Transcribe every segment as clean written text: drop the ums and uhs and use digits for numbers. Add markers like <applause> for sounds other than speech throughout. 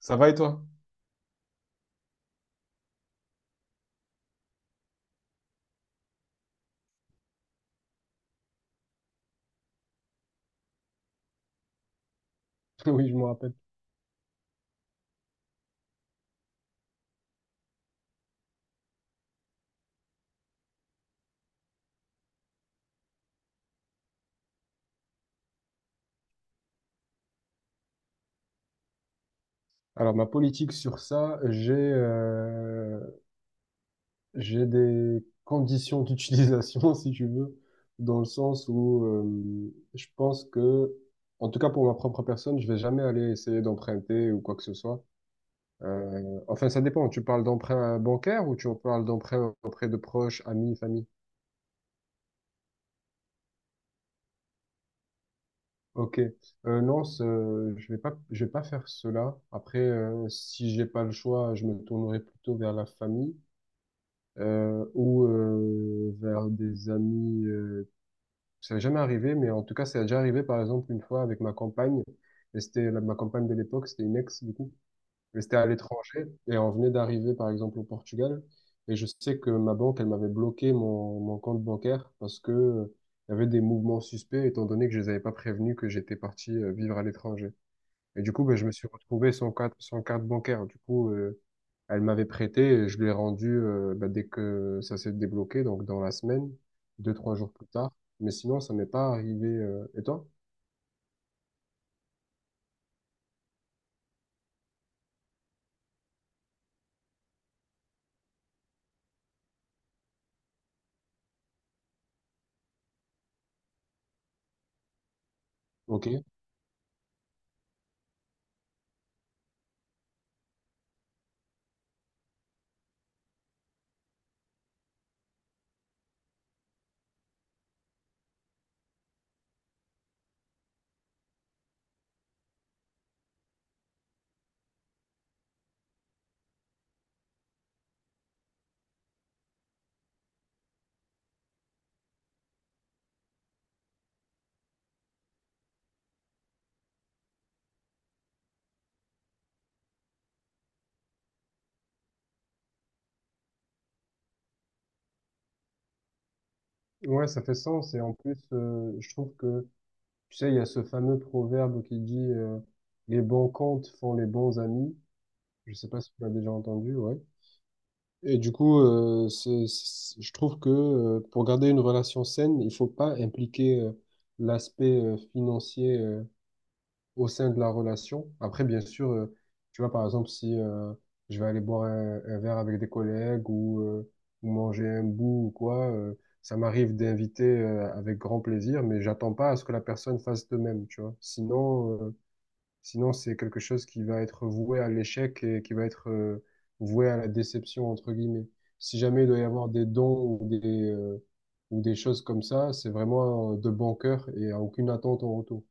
Ça va et toi? <laughs> Oui, je me rappelle. Alors, ma politique sur ça, j'ai des conditions d'utilisation, <laughs> si tu veux, dans le sens où je pense que, en tout cas pour ma propre personne, je vais jamais aller essayer d'emprunter ou quoi que ce soit. Enfin, ça dépend. Tu parles d'emprunt bancaire ou tu en parles d'emprunt auprès de proches, amis, famille? Ok. Non, je vais pas faire cela. Après, si j'ai pas le choix, je me tournerai plutôt vers la famille. Ou vers des amis. Ça n'est jamais arrivé, mais en tout cas, ça a déjà arrivé, par exemple, une fois avec ma compagne. Et ma compagne de l'époque, c'était une ex, du coup. Mais c'était à l'étranger. Et on venait d'arriver, par exemple, au Portugal. Et je sais que ma banque, elle m'avait bloqué mon compte bancaire parce que il y avait des mouvements suspects, étant donné que je les avais pas prévenus que j'étais parti vivre à l'étranger. Et du coup, ben, je me suis retrouvé sans carte, sans carte bancaire. Du coup, elle m'avait prêté et je l'ai rendu ben, dès que ça s'est débloqué, donc dans la semaine, deux, trois jours plus tard. Mais sinon, ça m'est pas arrivé. Et toi? Ok. Ouais, ça fait sens. Et en plus, je trouve que, tu sais, il y a ce fameux proverbe qui dit les bons comptes font les bons amis. Je sais pas si tu l'as déjà entendu, ouais. Et du coup, je trouve que pour garder une relation saine, il faut pas impliquer l'aspect financier au sein de la relation. Après, bien sûr, tu vois, par exemple, si je vais aller boire un verre avec des collègues ou manger un bout ou quoi, ça m'arrive d'inviter avec grand plaisir, mais j'attends pas à ce que la personne fasse de même, tu vois. Sinon, c'est quelque chose qui va être voué à l'échec et qui va être voué à la déception, entre guillemets. Si jamais il doit y avoir des dons euh, ou des choses comme ça, c'est vraiment de bon cœur et à aucune attente en retour.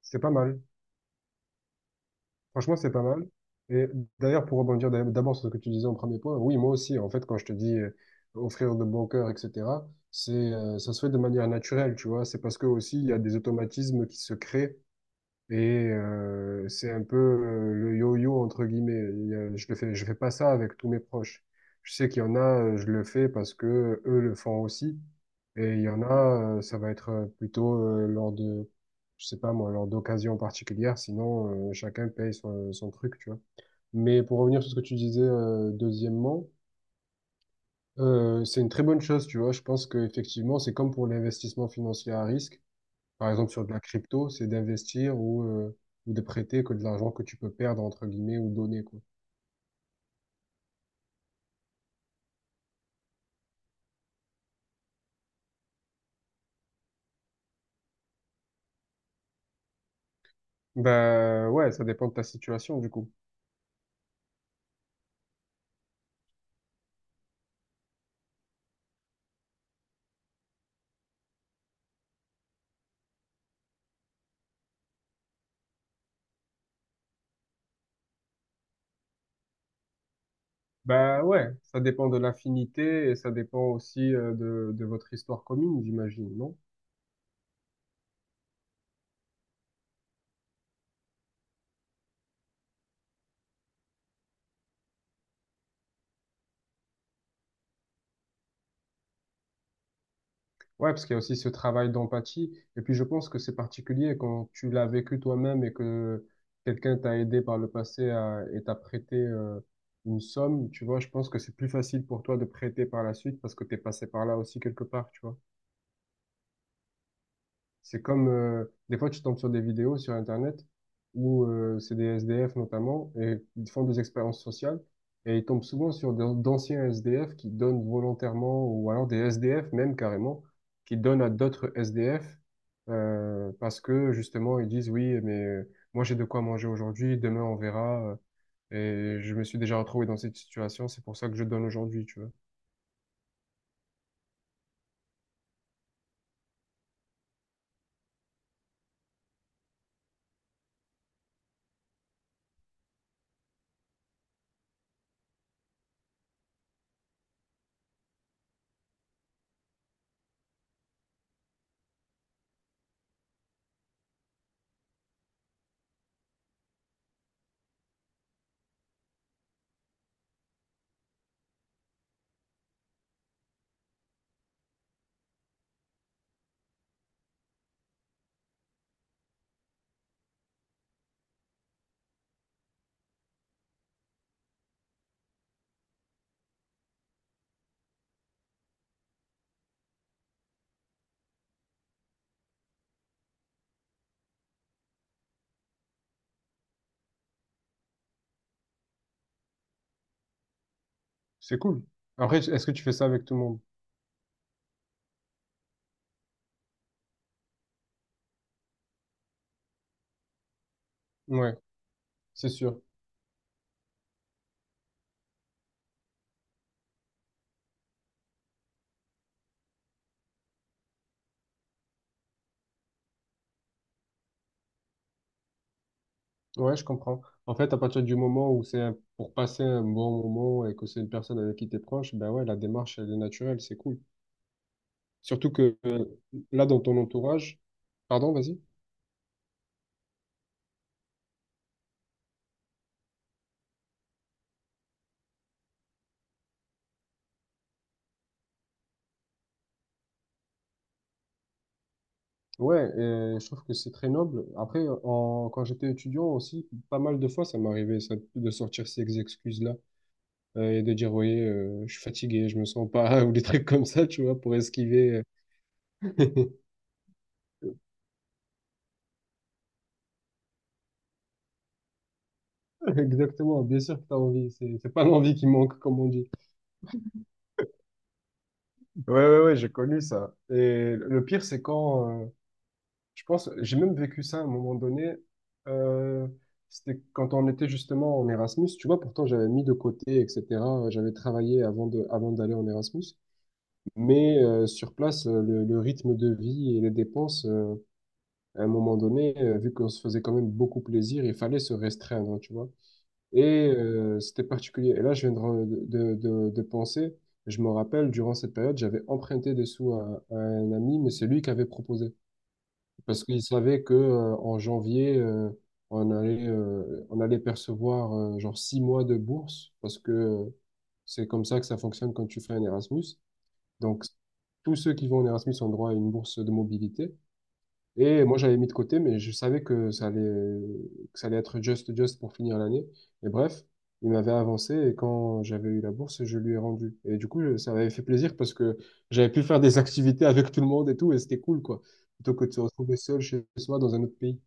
C'est pas mal. Franchement, c'est pas mal. Et d'ailleurs, pour rebondir d'abord sur ce que tu disais en premier point, oui, moi aussi, en fait, quand je te dis offrir de bon cœur, etc., ça se fait de manière naturelle, tu vois. C'est parce que aussi, il y a des automatismes qui se créent. Et c'est un peu le yo-yo entre guillemets. Je le fais, je fais pas ça avec tous mes proches. Je sais qu'il y en a, je le fais parce que eux le font aussi. Et il y en a, ça va être plutôt lors de, je sais pas moi, lors d'occasions particulières. Sinon, chacun paye son truc, tu vois. Mais pour revenir sur ce que tu disais, deuxièmement, c'est une très bonne chose, tu vois. Je pense qu'effectivement, c'est comme pour l'investissement financier à risque par exemple sur de la crypto, c'est d'investir ou de prêter que de l'argent que tu peux perdre, entre guillemets, ou donner, quoi. Bah ouais, ça dépend de ta situation, du coup. Bah ouais, ça dépend de l'affinité et ça dépend aussi de votre histoire commune, j'imagine, non? Ouais, parce qu'il y a aussi ce travail d'empathie. Et puis je pense que c'est particulier quand tu l'as vécu toi-même et que quelqu'un t'a aidé par le passé à, et t'a prêté une somme, tu vois, je pense que c'est plus facile pour toi de prêter par la suite parce que t'es passé par là aussi quelque part, tu vois. C'est comme, des fois, tu tombes sur des vidéos sur Internet où c'est des SDF notamment, et ils font des expériences sociales, et ils tombent souvent sur d'anciens SDF qui donnent volontairement, ou alors des SDF même carrément, qui donnent à d'autres SDF, parce que justement, ils disent, oui, mais moi j'ai de quoi manger aujourd'hui, demain on verra, et je me suis déjà retrouvé dans cette situation, c'est pour ça que je donne aujourd'hui, tu vois. C'est cool. Après, est-ce que tu fais ça avec tout le monde? Ouais, c'est sûr. Ouais, je comprends. En fait, à partir du moment où pour passer un bon moment et que c'est une personne avec qui t'es proche, ben ouais, la démarche, elle est naturelle, c'est cool. Surtout que là, dans ton entourage, pardon, vas-y. Ouais, je trouve que c'est très noble. Après, quand j'étais étudiant aussi, pas mal de fois, ça m'arrivait ça, de sortir ces excuses-là et de dire, voyez, je suis fatigué, je me sens pas, <laughs> ou des trucs comme ça, tu vois, pour esquiver. euh. <laughs> Exactement, bien sûr que t'as envie. C'est pas l'envie qui manque, comme on dit. Ouais, ouais, ouais, j'ai connu ça. Et le pire, c'est quand, je pense, j'ai même vécu ça à un moment donné. Euh, C'était quand on était justement en Erasmus. Tu vois, pourtant, j'avais mis de côté, etc. J'avais travaillé avant d'aller en Erasmus. Mais sur place, le rythme de vie et les dépenses, à un moment donné, vu qu'on se faisait quand même beaucoup plaisir, il fallait se restreindre, tu vois. Et c'était particulier. Et là, je viens de, de penser, je me rappelle, durant cette période, j'avais emprunté des sous à un ami, mais c'est lui qui avait proposé. Parce qu'il savait que en janvier, on allait percevoir genre 6 mois de bourse, parce que c'est comme ça que ça fonctionne quand tu fais un Erasmus. Donc, tous ceux qui vont en Erasmus ont droit à une bourse de mobilité. Et moi, j'avais mis de côté, mais je savais que ça allait être just pour finir l'année. Et bref, il m'avait avancé et quand j'avais eu la bourse, je lui ai rendu. Et du coup, ça m'avait fait plaisir parce que j'avais pu faire des activités avec tout le monde et tout, et c'était cool, quoi. Plutôt que de se retrouver seul chez soi dans un autre pays.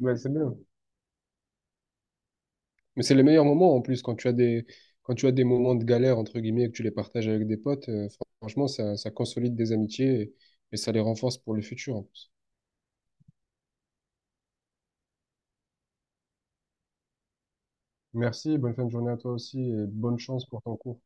Ouais, c'est bien. Mais c'est les meilleurs moments en plus quand tu as des, quand tu as des moments de galère, entre guillemets, et que tu les partages avec des potes. Franchement, ça, ça consolide des amitiés et ça les renforce pour le futur. En plus. Merci, bonne fin de journée à toi aussi et bonne chance pour ton cours.